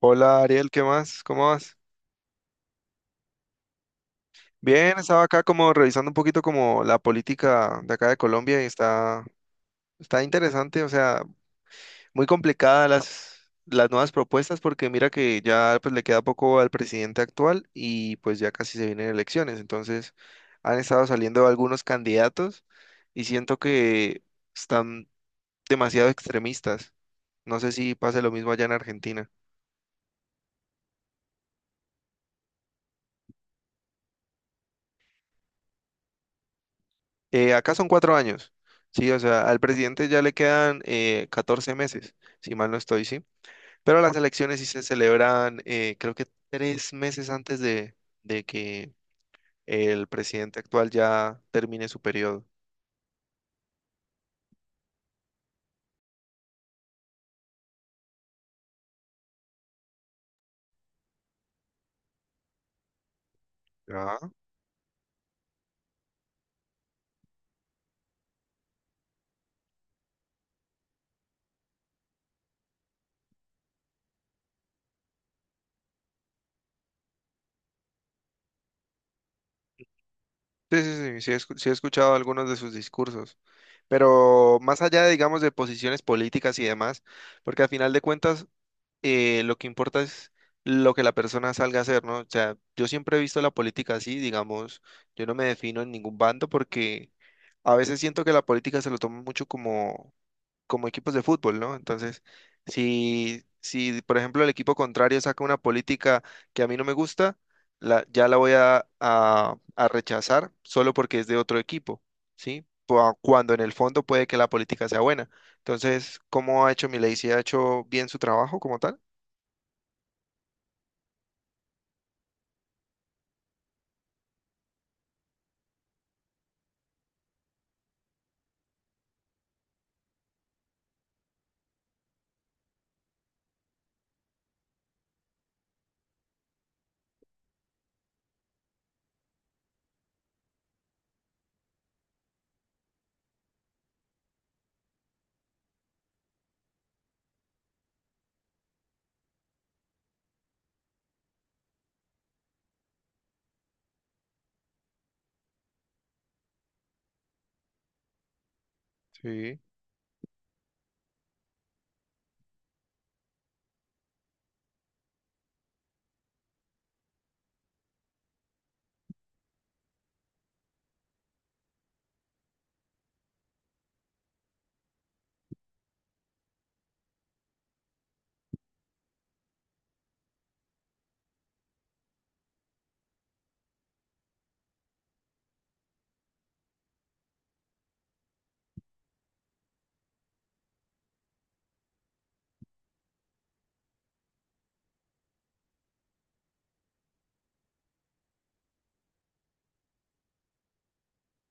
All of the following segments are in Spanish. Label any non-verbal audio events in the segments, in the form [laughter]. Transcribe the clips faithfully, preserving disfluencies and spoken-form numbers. Hola, Ariel, ¿qué más? ¿Cómo vas? Bien, estaba acá como revisando un poquito como la política de acá de Colombia y está, está interesante, o sea, muy complicada las, las nuevas propuestas, porque mira que ya pues le queda poco al presidente actual y pues ya casi se vienen elecciones. Entonces han estado saliendo algunos candidatos y siento que están demasiado extremistas. No sé si pase lo mismo allá en Argentina. Eh, acá son cuatro años, sí, o sea, al presidente ya le quedan eh, catorce meses, si mal no estoy, sí. Pero las elecciones sí se celebran, eh, creo que tres meses antes de, de que el presidente actual ya termine su periodo. Ah. Sí, sí, sí, sí he, escu- sí he escuchado algunos de sus discursos, pero más allá, digamos, de posiciones políticas y demás, porque al final de cuentas eh, lo que importa es lo que la persona salga a hacer, ¿no? O sea, yo siempre he visto la política así, digamos, yo no me defino en ningún bando, porque a veces siento que la política se lo toma mucho como, como equipos de fútbol, ¿no? Entonces, si, si, por ejemplo, el equipo contrario saca una política que a mí no me gusta, la, ya la voy a, a, a rechazar solo porque es de otro equipo, ¿sí? Cua- Cuando en el fondo puede que la política sea buena. Entonces, ¿cómo ha hecho Milei? ¿Si ha hecho bien su trabajo como tal? Sí.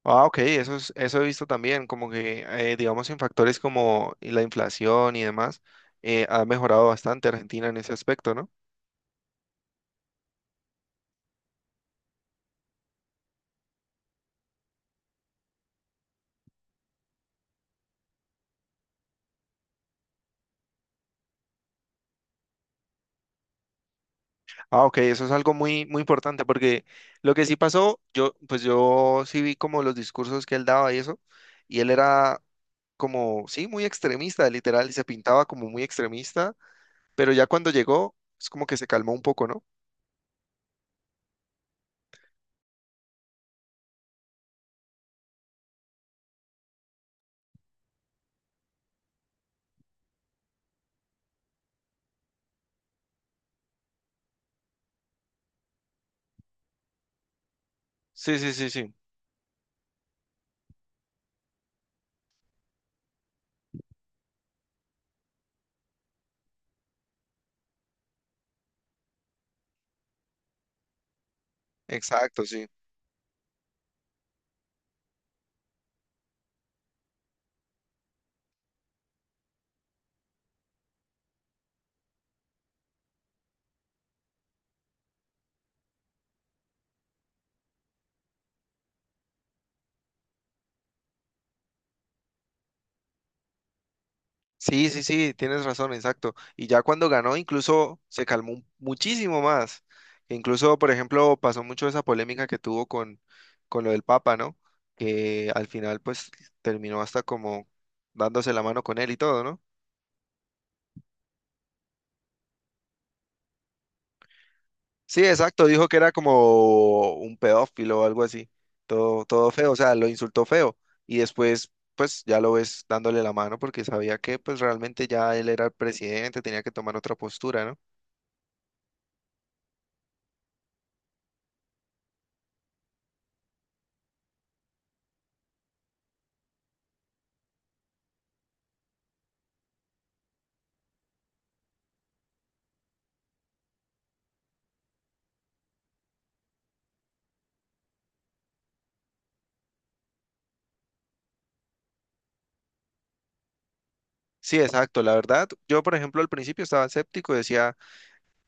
Ah, ok, eso es, eso he visto también, como que, eh, digamos, en factores como la inflación y demás, eh, ha mejorado bastante Argentina en ese aspecto, ¿no? Ah, ok, eso es algo muy, muy importante, porque lo que sí pasó, yo, pues yo sí vi como los discursos que él daba y eso, y él era como, sí, muy extremista, literal, y se pintaba como muy extremista, pero ya cuando llegó, es como que se calmó un poco, ¿no? Sí, sí, sí, sí, exacto, sí. Sí, sí, sí, tienes razón, exacto. Y ya cuando ganó, incluso se calmó un- muchísimo más. Incluso, por ejemplo, pasó mucho esa polémica que tuvo con, con lo del Papa, ¿no? Que al final, pues, terminó hasta como dándose la mano con él y todo, ¿no? Sí, exacto, dijo que era como un pedófilo o algo así. Todo, todo feo, o sea, lo insultó feo. Y después, pues, ya lo ves dándole la mano, porque sabía que, pues, realmente ya él era el presidente, tenía que tomar otra postura, ¿no? Sí, exacto. La verdad, yo por ejemplo al principio estaba escéptico y decía,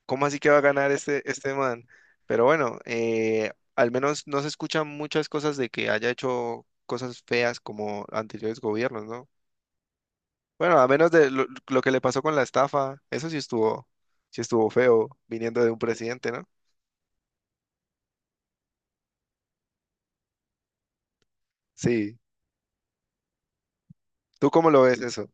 ¿cómo así que va a ganar este, este man? Pero bueno, eh, al menos no se escuchan muchas cosas de que haya hecho cosas feas como anteriores gobiernos, ¿no? Bueno, a menos de lo, lo que le pasó con la estafa, eso sí estuvo, sí estuvo feo viniendo de un presidente, ¿no? Sí. ¿Tú cómo lo ves eso?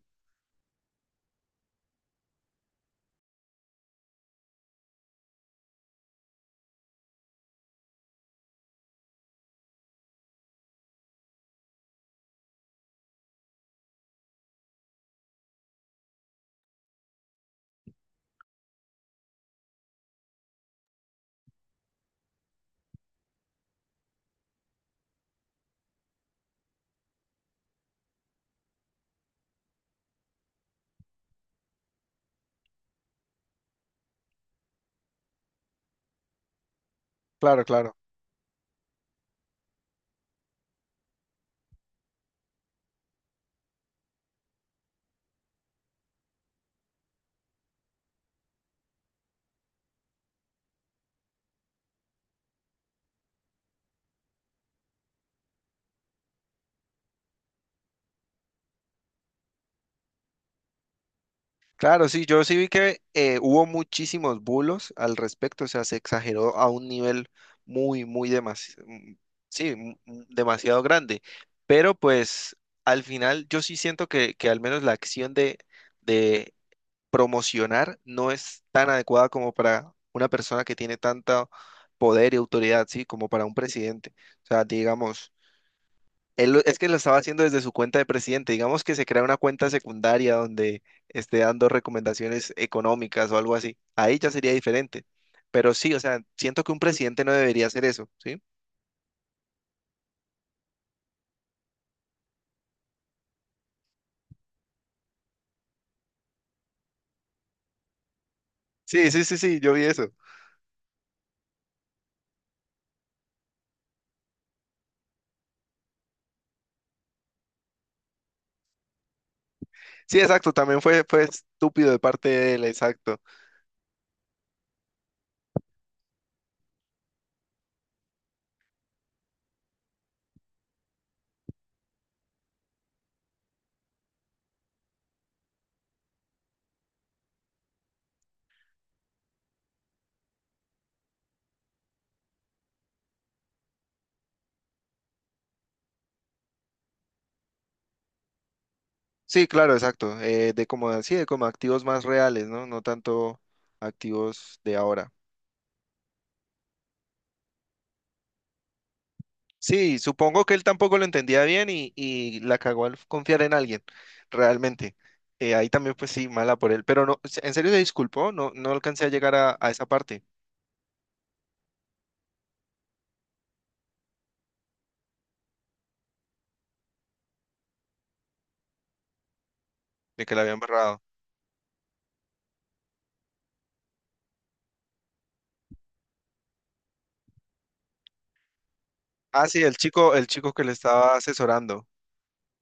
Claro, claro. Claro, sí, yo sí vi que eh, hubo muchísimos bulos al respecto, o sea, se exageró a un nivel muy, muy demasiado, sí, mu- mu- demasiado grande, pero pues al final yo sí siento que, que al menos la acción de, de promocionar no es tan adecuada como para una persona que tiene tanto poder y autoridad, sí, como para un presidente. O sea, digamos... Él lo- es que lo estaba haciendo desde su cuenta de presidente. Digamos que se crea una cuenta secundaria donde esté dando recomendaciones económicas o algo así. Ahí ya sería diferente. Pero sí, o sea, siento que un presidente no debería hacer eso, ¿sí? Sí, sí, sí, sí, yo vi eso. Sí, exacto, también fue, fue estúpido de parte de él, exacto. Sí, claro, exacto. Eh, de como, sí, de como activos más reales, ¿no? No tanto activos de ahora. Sí, supongo que él tampoco lo entendía bien y, y la cagó al confiar en alguien, realmente. Eh, ahí también, pues sí, mala por él. Pero no, en serio se disculpó, no, no alcancé a llegar a, a esa parte de que la habían barrado. Ah, sí, el chico, el chico que le estaba asesorando,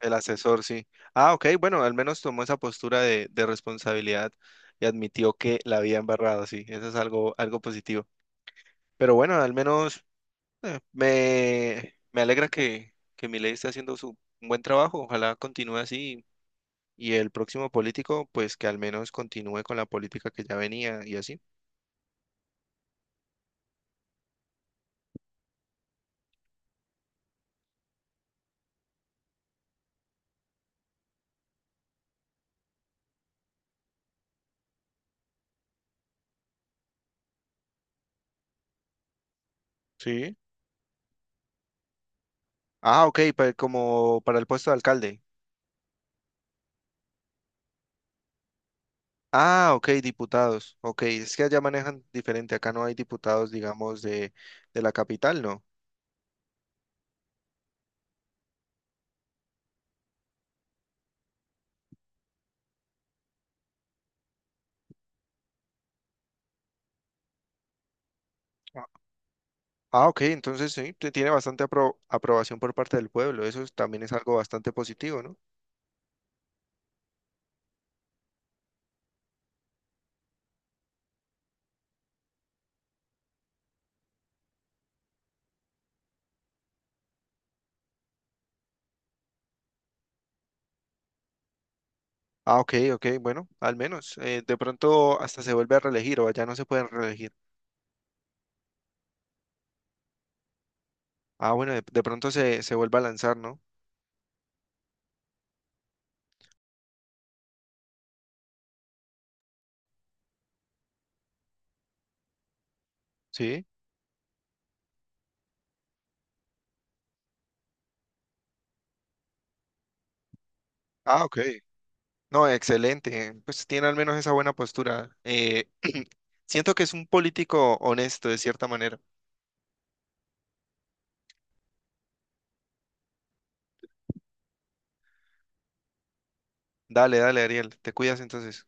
el asesor, sí. Ah, ok, bueno, al menos tomó esa postura de, de responsabilidad y admitió que la había embarrado, sí. Eso es algo, algo positivo. Pero bueno, al menos Eh, Me, me alegra que, que Milei esté haciendo su un buen trabajo. Ojalá continúe así y el próximo político, pues que al menos continúe con la política que ya venía y así. Sí. Ah, ok, pa- como para el puesto de alcalde. Ah, ok, diputados. Ok, es que allá manejan diferente. Acá no hay diputados, digamos, de, de la capital, ¿no? Ah, ah, ok, entonces sí, te- tiene bastante apro- aprobación por parte del pueblo. Eso es- también es algo bastante positivo, ¿no? Ah, ok, ok, bueno, al menos. Eh, de pronto hasta se vuelve a reelegir o ya no se pueden reelegir. Ah, bueno, de, de pronto se, se vuelve a lanzar, ¿no? Sí. Ah, ok. No, excelente. Pues tiene al menos esa buena postura. Eh, [clears throat] siento que es un político honesto, de cierta manera. Dale, dale, Ariel. Te cuidas entonces.